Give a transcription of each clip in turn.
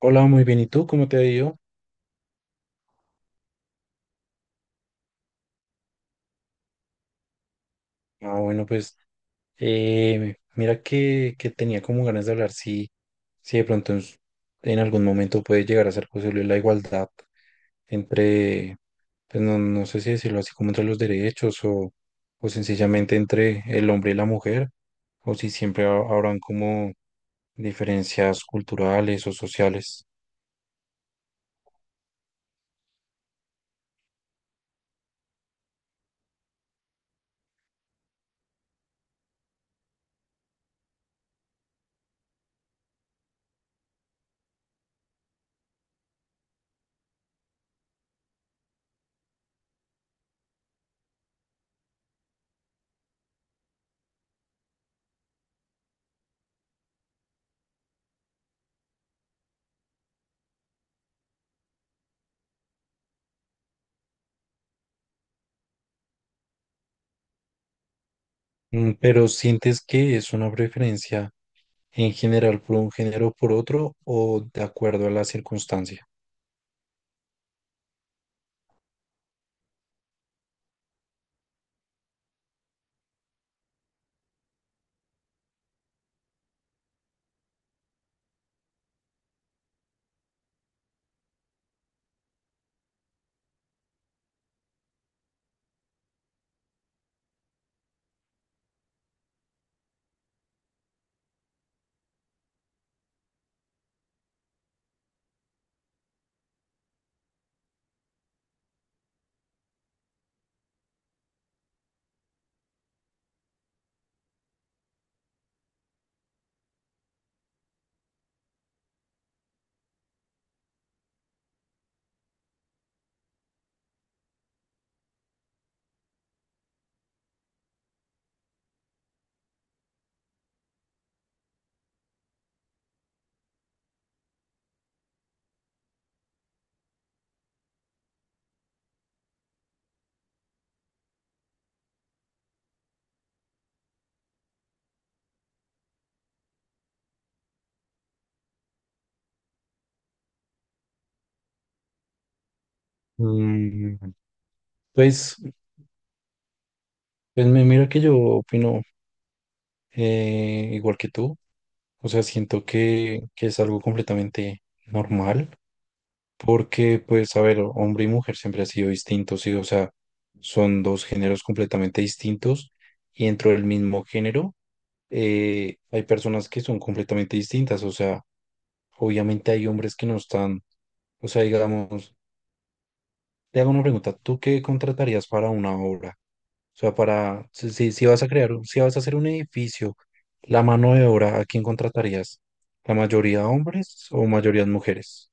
Hola, muy bien. ¿Y tú? ¿Cómo te ha ido? Ah, bueno, pues mira que tenía como ganas de hablar, si de pronto en algún momento puede llegar a ser posible la igualdad entre, pues no sé si decirlo así como entre los derechos, o sencillamente entre el hombre y la mujer, o si siempre habrán como diferencias culturales o sociales. ¿Pero sientes que es una preferencia en general por un género o por otro o de acuerdo a la circunstancia? Mm, pues, pues, me mira que yo opino igual que tú. O sea, siento que es algo completamente normal porque, pues, a ver, hombre y mujer siempre han sido distintos, ¿sí? O sea, son dos géneros completamente distintos, y dentro del mismo género hay personas que son completamente distintas. O sea, obviamente hay hombres que no están, o sea, digamos. Te hago una pregunta: ¿tú qué contratarías para una obra? O sea, para, si vas a crear, si vas a hacer un edificio, la mano de obra, ¿a quién contratarías? ¿La mayoría hombres o mayoría mujeres?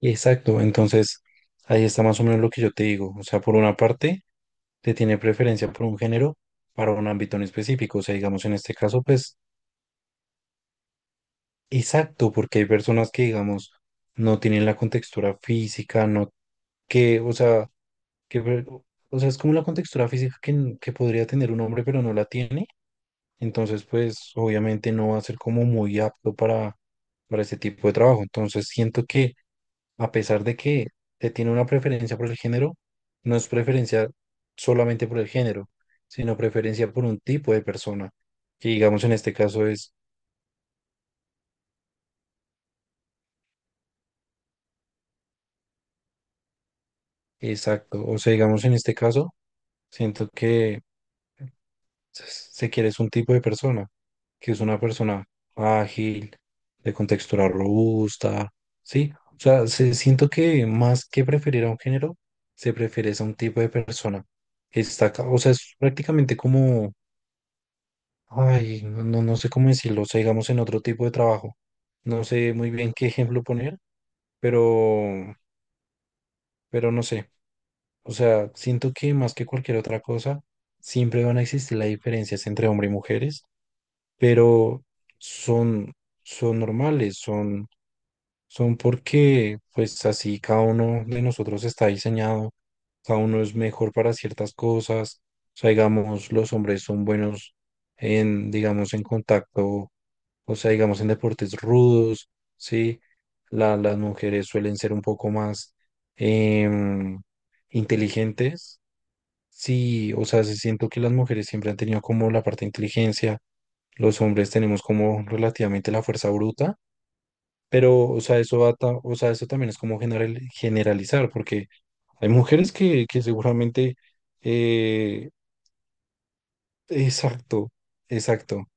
Exacto, entonces ahí está más o menos lo que yo te digo. O sea, por una parte, te tiene preferencia por un género para un ámbito en específico. O sea, digamos, en este caso, pues, exacto, porque hay personas que, digamos, no tienen la contextura física, no, que, o sea, que o sea, es como la contextura física que, que podría tener un hombre, pero no la tiene. Entonces, pues obviamente no va a ser como muy apto para ese tipo de trabajo. Entonces, siento que, a pesar de que te tiene una preferencia por el género, no es preferencia solamente por el género, sino preferencia por un tipo de persona, que digamos en este caso es exacto. O sea, digamos en este caso, siento que. Se quiere es un tipo de persona, que es una persona ágil, de contextura robusta, ¿sí? O sea, siento que más que preferir a un género, se prefiere es a un tipo de persona, que está, o sea, es prácticamente como, ay, no sé cómo decirlo, o sea, digamos en otro tipo de trabajo. No sé muy bien qué ejemplo poner, pero, no sé. O sea, siento que más que cualquier otra cosa, siempre van a existir las diferencias entre hombres y mujeres, pero son, son normales, son porque pues así cada uno de nosotros está diseñado, cada uno es mejor para ciertas cosas. O sea, digamos, los hombres son buenos en, digamos, en contacto, o sea, digamos, en deportes rudos, ¿sí? Las mujeres suelen ser un poco más em, inteligentes. Sí, o sea, sí siento que las mujeres siempre han tenido como la parte de inteligencia, los hombres tenemos como relativamente la fuerza bruta. Pero, o sea, eso o sea, eso también es como generalizar, porque hay mujeres que seguramente, eh, exacto, exacto,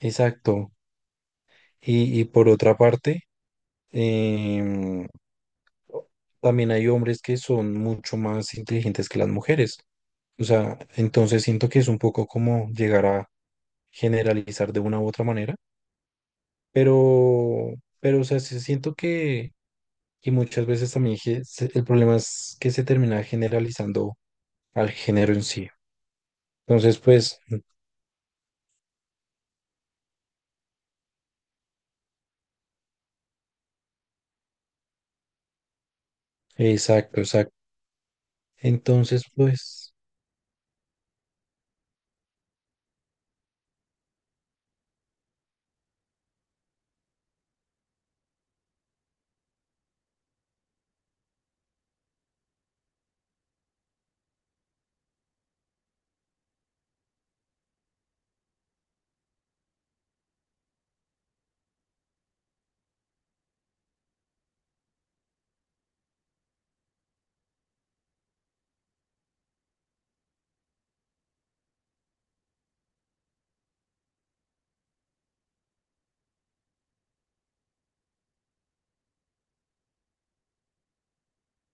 exacto. Y, por otra parte, em, también hay hombres que son mucho más inteligentes que las mujeres. O sea, entonces siento que es un poco como llegar a generalizar de una u otra manera, pero, pero, o sea, sí siento que y muchas veces también, el problema es que se termina generalizando al género en sí. Entonces, pues, exacto, exacto. Entonces, pues,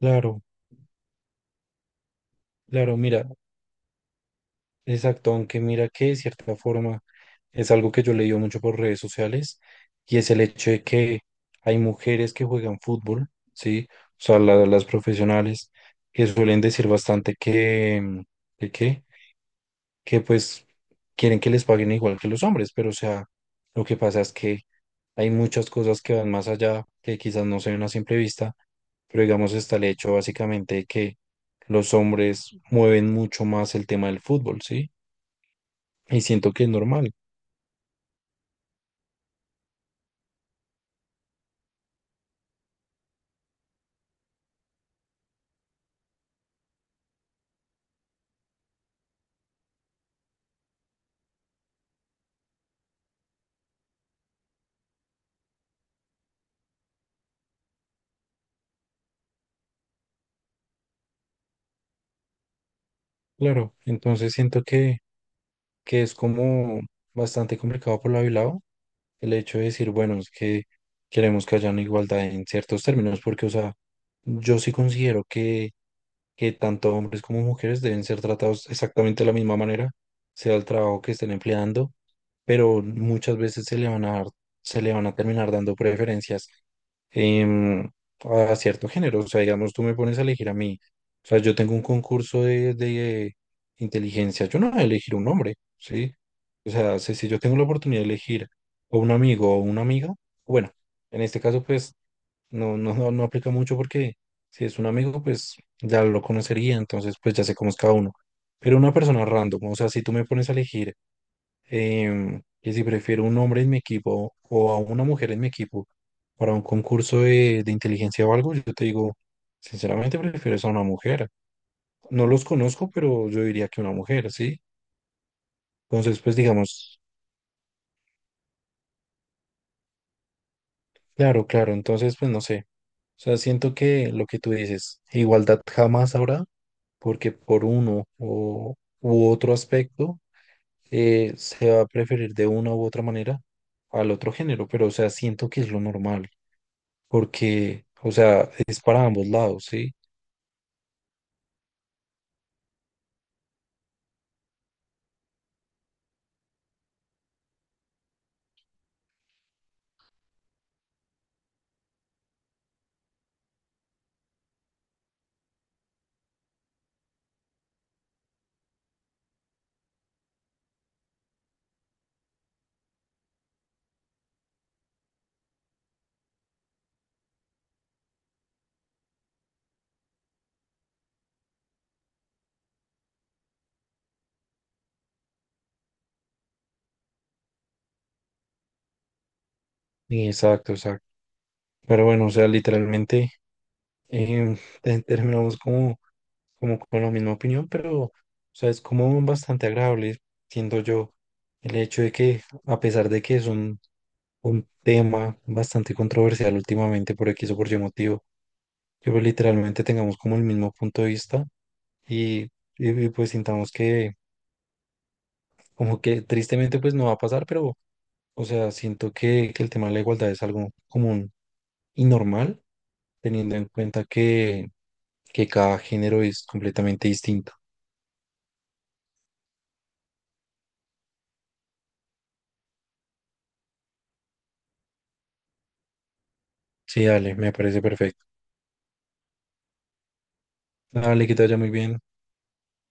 claro, claro, mira, exacto, aunque mira que de cierta forma es algo que yo he leído mucho por redes sociales, y es el hecho de que hay mujeres que juegan fútbol, ¿sí? O sea, las profesionales, que suelen decir bastante que, qué, que pues quieren que les paguen igual que los hombres, pero, o sea, lo que pasa es que hay muchas cosas que van más allá, que quizás no se ven a simple vista, pero digamos está el hecho básicamente de que los hombres mueven mucho más el tema del fútbol, ¿sí? Y siento que es normal, claro. Entonces siento que es como bastante complicado por lado y lado el hecho de decir: bueno, es que queremos que haya una igualdad en ciertos términos, porque, o sea, yo sí considero que tanto hombres como mujeres deben ser tratados exactamente de la misma manera, sea el trabajo que estén empleando. Pero muchas veces se le van a terminar dando preferencias em, a cierto género. O sea, digamos, tú me pones a elegir a mí. O sea, yo tengo un concurso de inteligencia, yo no voy a elegir un hombre, ¿sí? O sea, si yo tengo la oportunidad de elegir o un amigo o una amiga, bueno, en este caso, pues no aplica mucho, porque si es un amigo, pues ya lo conocería, entonces pues ya sé cómo es cada uno. Pero una persona random, o sea, si tú me pones a elegir que si prefiero un hombre en mi equipo o a una mujer en mi equipo para un concurso de inteligencia o algo, yo te digo, sinceramente prefiero es a una mujer. No los conozco, pero yo diría que una mujer, ¿sí? Entonces, pues digamos, claro, claro, entonces pues no sé. O sea, siento que lo que tú dices, igualdad jamás habrá, porque por uno u otro aspecto, se va a preferir de una u otra manera al otro género. Pero, o sea, siento que es lo normal, porque, o sea, es para ambos lados, ¿sí? Exacto, exacto. Pero bueno, o sea, literalmente terminamos como con la misma opinión, pero, o sea, es como bastante agradable, siento yo, el hecho de que, a pesar de que es un tema bastante controversial últimamente por X o por Y motivo, que pues, literalmente tengamos como el mismo punto de vista. Y, pues sintamos que como que tristemente pues no va a pasar, pero, o sea, siento que el tema de la igualdad es algo común y normal, teniendo en cuenta que cada género es completamente distinto. Sí, dale, me parece perfecto. Dale, que te vaya muy bien.